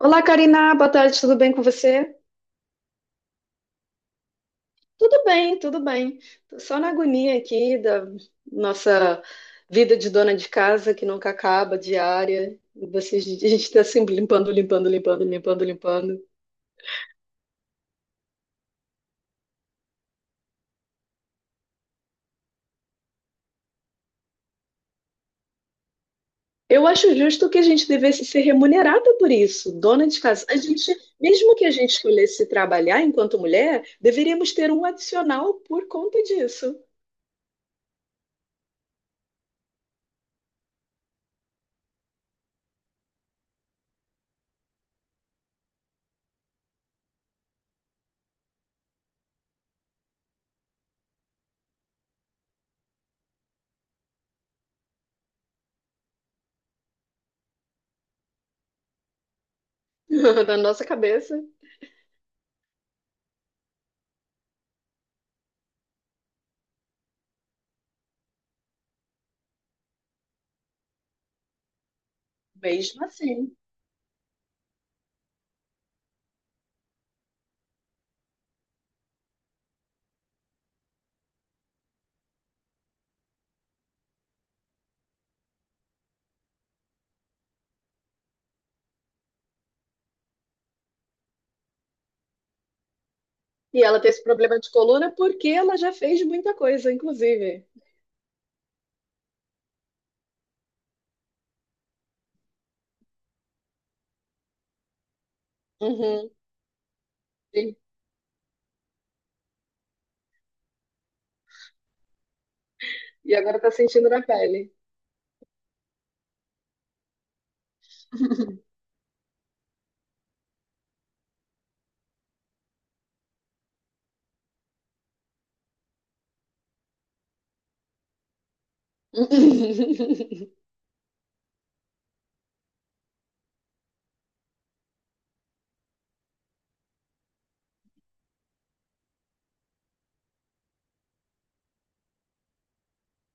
Olá, Karina, boa tarde, tudo bem com você? Tudo bem, tudo bem. Tô só na agonia aqui da nossa vida de dona de casa que nunca acaba, diária. A gente está sempre limpando, limpando, limpando, limpando, limpando. Eu acho justo que a gente devesse ser remunerada por isso, dona de casa. A gente, mesmo que a gente escolhesse trabalhar enquanto mulher, deveríamos ter um adicional por conta disso, na nossa cabeça. Mesmo assim. E ela tem esse problema de coluna porque ela já fez muita coisa, inclusive. Uhum, sim. E agora tá sentindo na pele.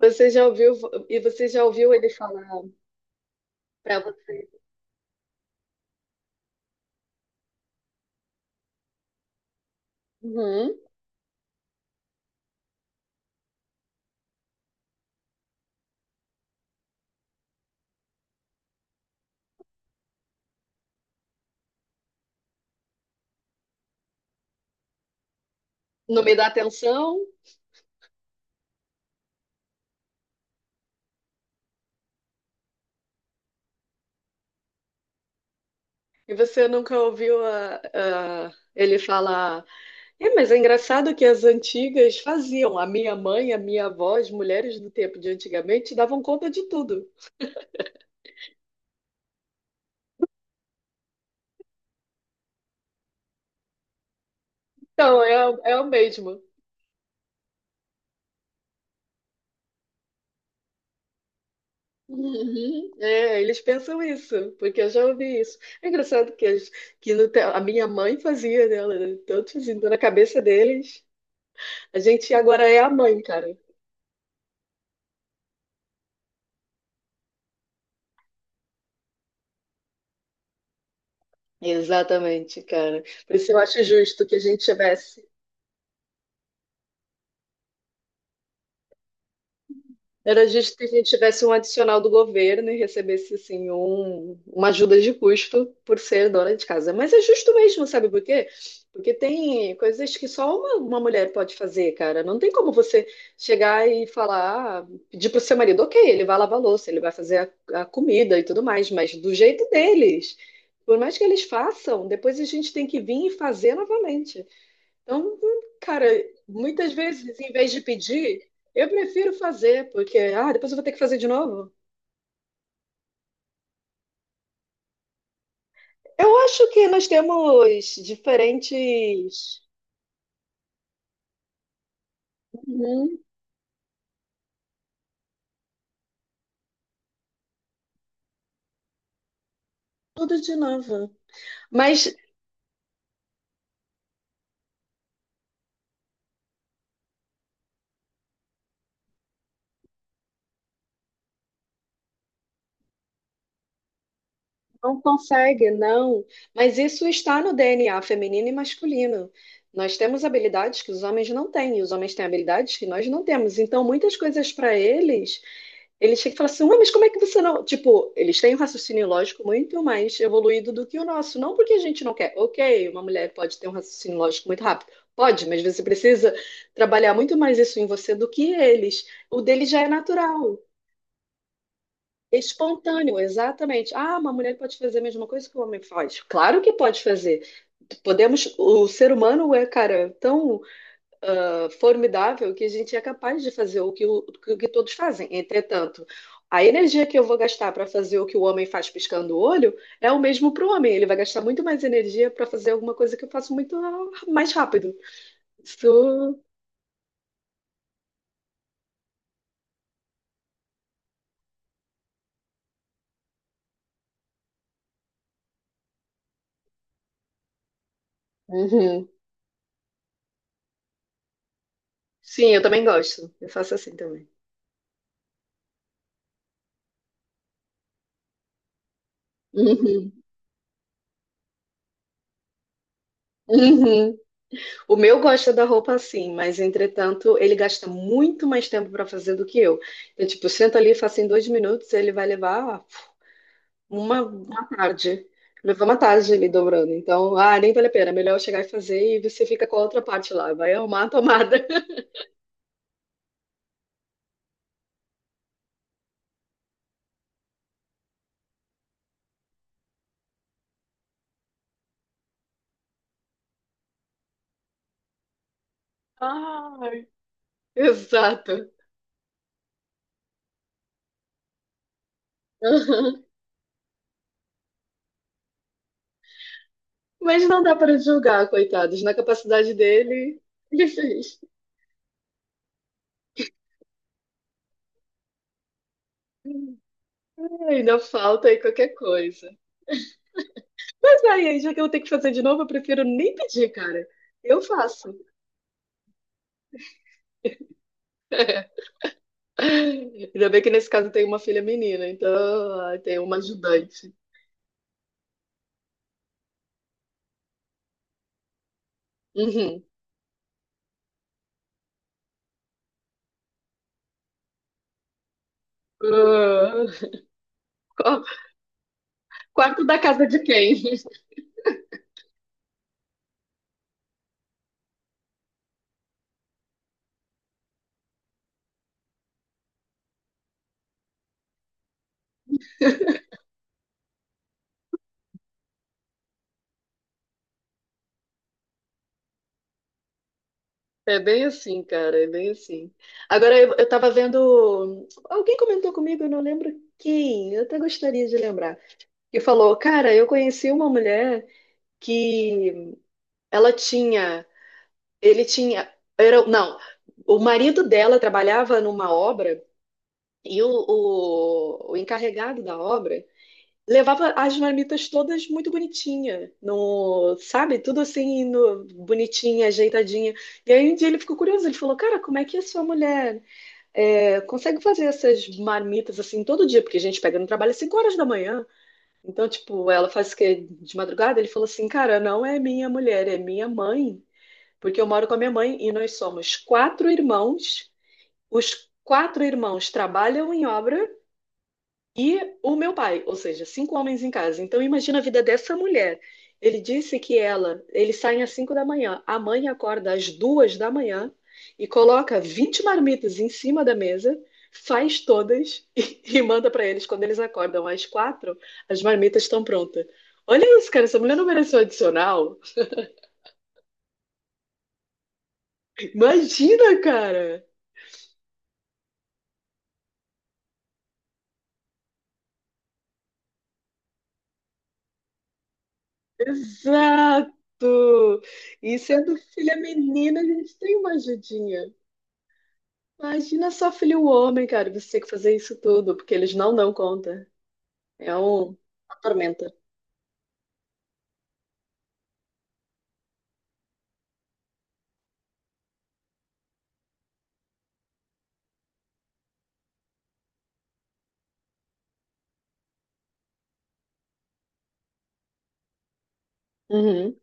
Você já ouviu e você já ouviu ele falar pra você, uhum, não me dá atenção? E você nunca ouviu ele falar, é, mas é engraçado que as antigas faziam. A minha mãe, a minha avó, as mulheres do tempo de antigamente davam conta de tudo. Então, é, é o mesmo. Uhum. É, eles pensam isso, porque eu já ouvi isso. É engraçado que, as- que no te- a minha mãe fazia, né? Ela era tão assim, então na cabeça deles, a gente agora é a mãe, cara. Exatamente, cara. Por isso eu acho justo que a gente tivesse Era justo que a gente tivesse um adicional do governo e recebesse, assim, um, uma ajuda de custo por ser dona de casa. Mas é justo mesmo, sabe por quê? Porque tem coisas que só uma mulher pode fazer, cara. Não tem como você chegar e falar, ah, pedir pro seu marido, ok, ele vai lavar a louça, ele vai fazer a comida e tudo mais, mas do jeito deles. Por mais que eles façam, depois a gente tem que vir e fazer novamente. Então, cara, muitas vezes, em vez de pedir, eu prefiro fazer, porque, ah, depois eu vou ter que fazer de novo. Eu acho que nós temos diferentes. Uhum, tudo de novo. Mas não consegue, não. Mas isso está no DNA feminino e masculino. Nós temos habilidades que os homens não têm, e os homens têm habilidades que nós não temos. Então, muitas coisas para eles, eles chegam e falam assim: Ué, mas como é que você não. Tipo, eles têm um raciocínio lógico muito mais evoluído do que o nosso. Não porque a gente não quer. Ok, uma mulher pode ter um raciocínio lógico muito rápido. Pode, mas você precisa trabalhar muito mais isso em você do que eles. O dele já é natural. Espontâneo, exatamente. Ah, uma mulher pode fazer a mesma coisa que o homem faz. Claro que pode fazer. Podemos, o ser humano é, cara, tão formidável que a gente é capaz de fazer o que todos fazem. Entretanto, a energia que eu vou gastar para fazer o que o homem faz piscando o olho é o mesmo para o homem. Ele vai gastar muito mais energia para fazer alguma coisa que eu faço muito mais rápido. Isso. Uhum. Sim, eu também gosto. Eu faço assim também. Uhum. Uhum. O meu gosta da roupa assim, mas entretanto ele gasta muito mais tempo para fazer do que eu. Eu, tipo, sento ali, faço em dois minutos, ele vai levar uma tarde. Levar uma tarde ali dobrando. Então, ah, nem vale a pena. Melhor eu chegar e fazer e você fica com a outra parte lá. Vai arrumar a tomada. Ai, exato. Aham. Mas não dá para julgar, coitados. Na capacidade dele, ele fez. Ainda falta aí qualquer coisa. Aí, já que eu tenho que fazer de novo, eu prefiro nem pedir, cara. Eu faço. Ainda bem que nesse caso tem uma filha menina, então tem uma ajudante. Uhum. Ah, qu- quarto da casa de quem? É bem assim, cara, é bem assim. Agora eu tava vendo. Alguém comentou comigo, eu não lembro quem, eu até gostaria de lembrar, que falou: Cara, eu conheci uma mulher que ela tinha Ele tinha. Era, não, o marido dela trabalhava numa obra e o encarregado da obra levava as marmitas todas muito bonitinha, no, sabe? Tudo assim, no, bonitinha, ajeitadinha. E aí um dia ele ficou curioso, ele falou: Cara, como é que a sua mulher consegue fazer essas marmitas assim todo dia? Porque a gente pega no trabalho às 5 horas da manhã. Então, tipo, ela faz o quê? De madrugada? Ele falou assim: Cara, não é minha mulher, é minha mãe porque eu moro com a minha mãe e nós somos quatro irmãos. Os quatro irmãos trabalham em obra e o meu pai, ou seja, cinco homens em casa. Então imagina a vida dessa mulher. Ele disse que ela, eles saem às 5 da manhã, a mãe acorda às 2 da manhã e coloca 20 marmitas em cima da mesa, faz todas e manda para eles quando eles acordam às quatro, as marmitas estão prontas. Olha isso, cara, essa mulher não mereceu adicional. Imagina, cara. Exato! E sendo filha menina, a gente tem uma ajudinha. Imagina só filho homem, cara, você ter que fazer isso tudo, porque eles não dão conta. É um... uma tormenta. Uhum.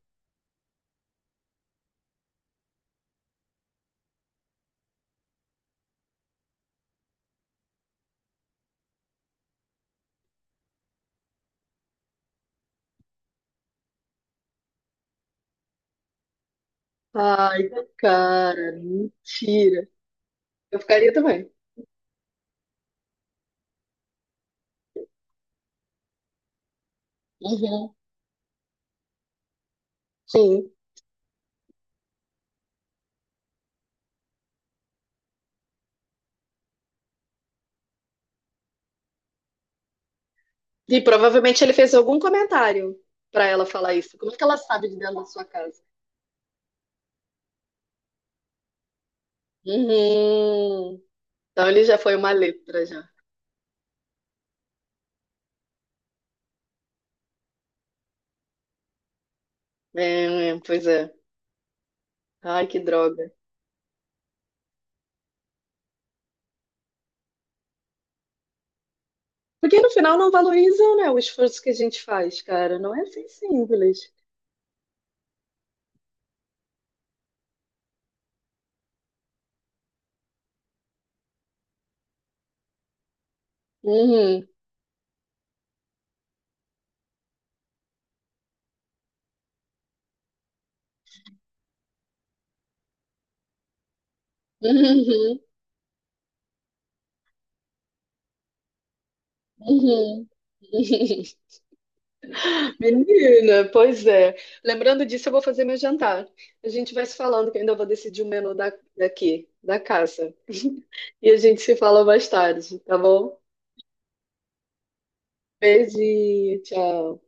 Ai, cara, mentira. Eu ficaria também. Uhum. Sim. E provavelmente ele fez algum comentário pra ela falar isso. Como é que ela sabe de dentro da sua casa? Uhum. Então ele já foi uma letra já. É, é, pois é. Ai, que droga. Porque no final não valorizam, né, o esforço que a gente faz, cara. Não é assim simples. Uhum, uhum, uhum. Menina, pois é. Lembrando disso, eu vou fazer meu jantar. A gente vai se falando, que eu ainda vou decidir o menu da, daqui, da casa. E a gente se fala mais tarde, tá bom? Beijinho, tchau.